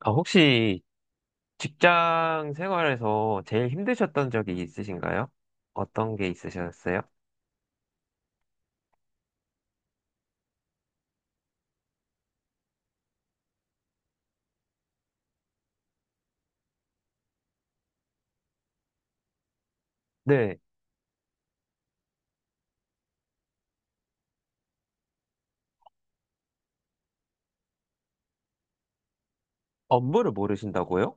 아, 혹시 직장 생활에서 제일 힘드셨던 적이 있으신가요? 어떤 게 있으셨어요? 네, 업무를 모르신다고요?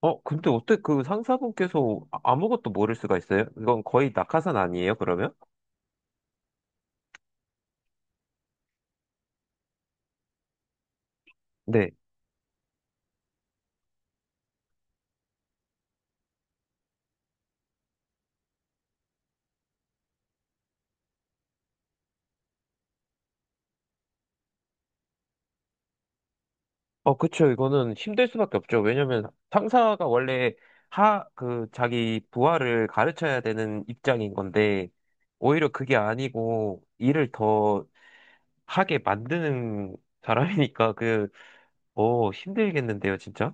근데 어떻게 그 상사분께서 아무것도 모를 수가 있어요? 이건 거의 낙하산 아니에요, 그러면? 네. 어, 그쵸. 이거는 힘들 수밖에 없죠. 왜냐면 상사가 원래 하, 그, 자기 부하를 가르쳐야 되는 입장인 건데, 오히려 그게 아니고 일을 더 하게 만드는 사람이니까 그, 어, 힘들겠는데요, 진짜?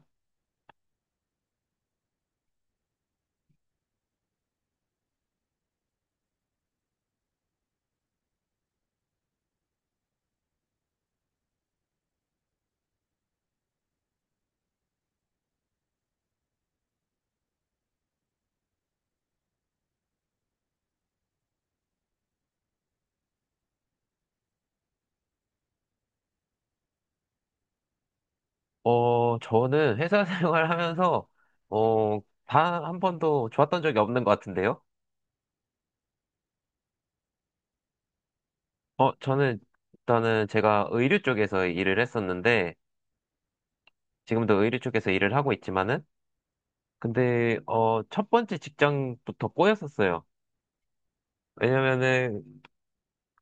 저는 회사 생활하면서, 어, 다 한 번도 좋았던 적이 없는 것 같은데요? 어, 저는, 일단은 제가 의류 쪽에서 일을 했었는데, 지금도 의류 쪽에서 일을 하고 있지만은, 근데, 첫 번째 직장부터 꼬였었어요. 왜냐면은,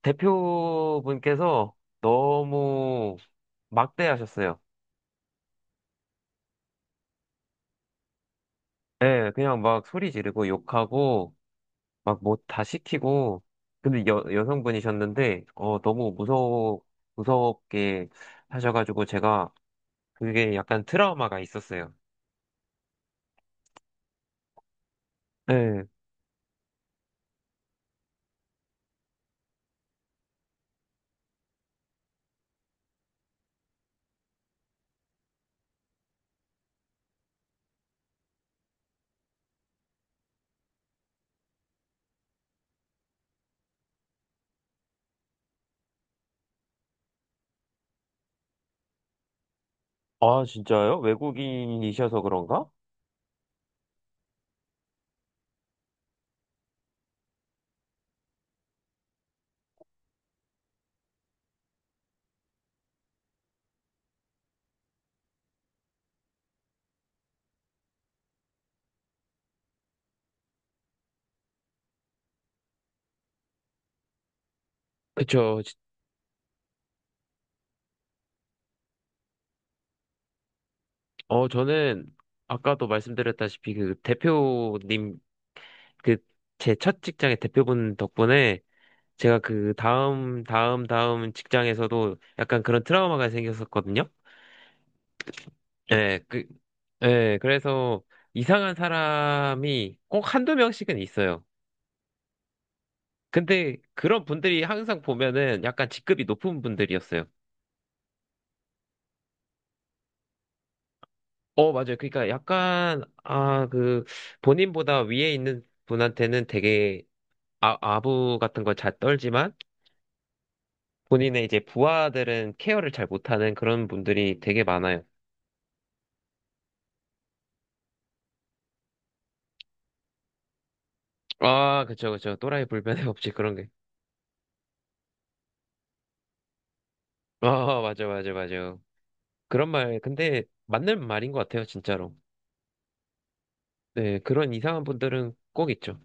대표분께서 너무 막대하셨어요. 예, 그냥 막 소리 지르고 욕하고, 막 뭐 다 시키고, 근데 여성분이셨는데, 너무 무서워, 무섭게 하셔가지고 제가 그게 약간 트라우마가 있었어요. 네. 아, 진짜요? 외국인이셔서 그런가? 그쵸. 어, 저는 아까도 말씀드렸다시피 그 대표님, 그 제 첫 직장의 대표분 덕분에 제가 그 다음 직장에서도 약간 그런 트라우마가 생겼었거든요. 네, 그, 예, 그래서 이상한 사람이 꼭 한두 명씩은 있어요. 근데 그런 분들이 항상 보면은 약간 직급이 높은 분들이었어요. 어, 맞아요. 그러니까 약간, 아, 그, 본인보다 위에 있는 분한테는 되게 아부 같은 걸 잘 떨지만 본인의 이제 부하들은 케어를 잘 못하는 그런 분들이 되게 많아요. 아, 그쵸, 그쵸. 또라이 불변의 법칙 그런 게. 아, 맞아, 맞아, 맞아. 그런 말, 근데 맞는 말인 것 같아요, 진짜로. 네, 그런 이상한 분들은 꼭 있죠.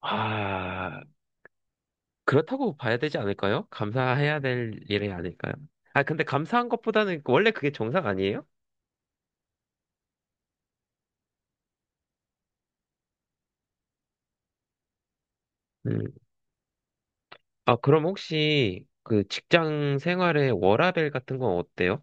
아, 그렇다고 봐야 되지 않을까요? 감사해야 될 일이 아닐까요? 아, 근데 감사한 것보다는 원래 그게 정상 아니에요? 음. 아, 그럼 혹시 그 직장 생활의 워라밸 같은 건 어때요?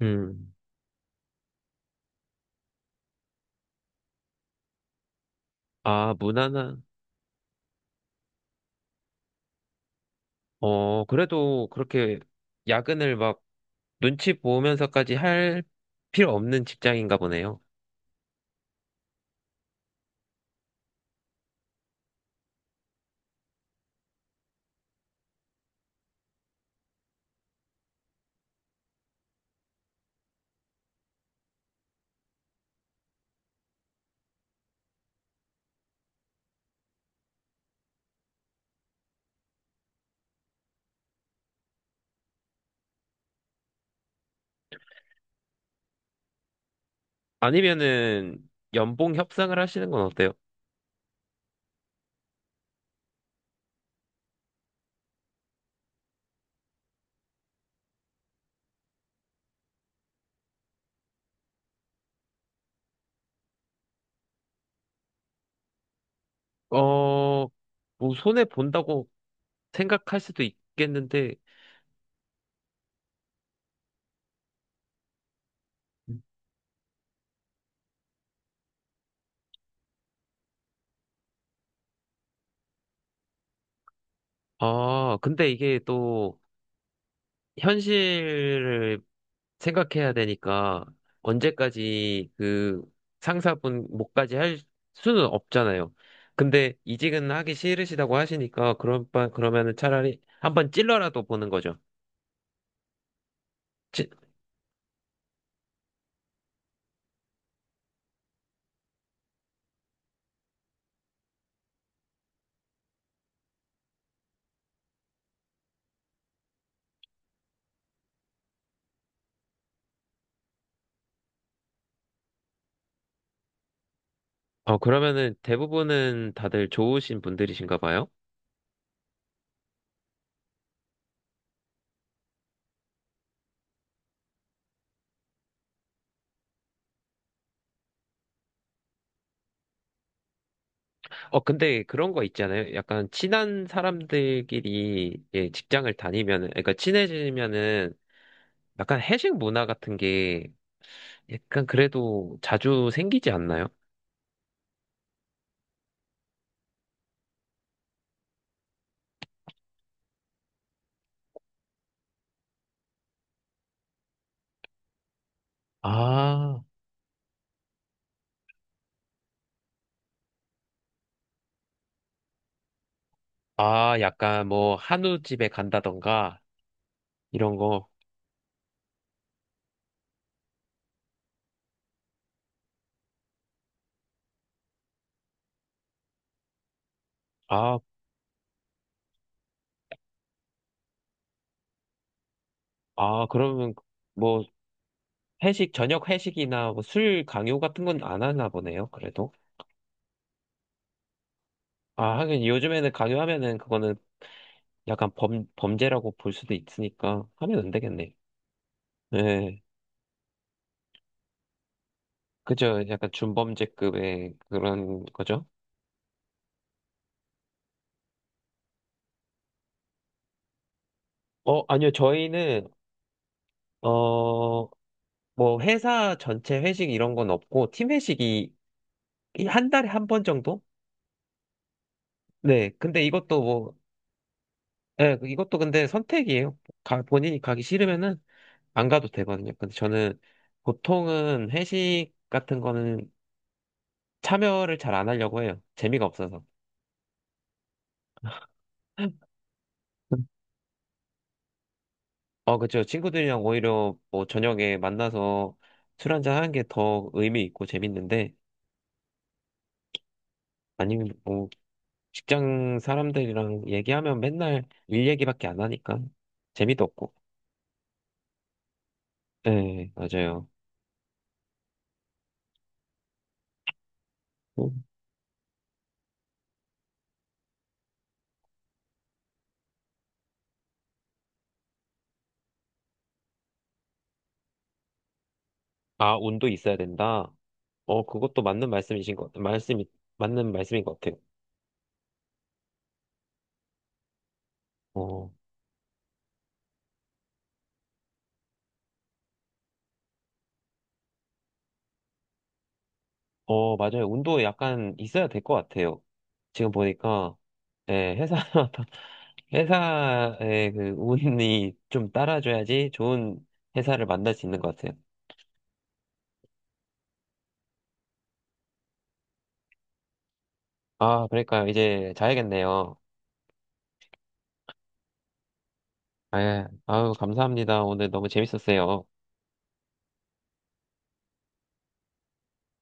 음. 아, 무난한. 어, 그래도 그렇게 야근을 막 눈치 보면서까지 할 필요 없는 직장인가 보네요. 아니면은 연봉 협상을 하시는 건 어때요? 어, 뭐 손해 본다고 생각할 수도 있겠는데, 아, 근데 이게 또 현실을 생각해야 되니까 언제까지 그 상사분 목까지 할 수는 없잖아요. 근데 이직은 하기 싫으시다고 하시니까 그런 그러면은 차라리 한번 찔러라도 보는 거죠. 찌- 어, 그러면은 대부분은 다들 좋으신 분들이신가 봐요. 어, 근데 그런 거 있잖아요. 약간 친한 사람들끼리 예, 직장을 다니면은, 그러니까 친해지면은 약간 회식 문화 같은 게 약간 그래도 자주 생기지 않나요? 아, 아, 약간 뭐 한우집에 간다던가 이런 거. 아, 아, 그러면 뭐 회식, 저녁 회식이나 뭐술 강요 같은 건 안 하나 보네요, 그래도. 아, 하긴 요즘에는 강요하면은 그거는 약간 범죄라고 볼 수도 있으니까 하면 안 되겠네. 네, 그죠. 약간 준범죄급의 그런 거죠. 어, 아니요, 저희는, 어, 뭐 회사 전체 회식 이런 건 없고 팀 회식이 이한 달에 한 번 정도? 네. 근데 이것도 뭐 예, 그 이것도 근데 선택이에요. 본인이 가기 싫으면은 안 가도 되거든요. 근데 저는 보통은 회식 같은 거는 참여를 잘 안 하려고 해요. 재미가 없어서. 어, 그쵸. 친구들이랑 오히려 뭐 저녁에 만나서 술 한잔 하는 게 더 의미 있고 재밌는데 아니면 뭐 직장 사람들이랑 얘기하면 맨날 일 얘기밖에 안 하니까 재미도 없고. 네, 맞아요. 음. 아, 운도 있어야 된다. 어, 그것도 맞는 말씀이신 맞는 말씀인 것 같아요. 어, 어, 맞아요. 운도 약간 있어야 될 것 같아요. 지금 보니까, 예, 회사마다, 회사의 그 운이 좀 따라줘야지 좋은 회사를 만날 수 있는 것 같아요. 아, 그러니까요. 이제 자야겠네요. 아, 예. 아유, 감사합니다. 오늘 너무 재밌었어요.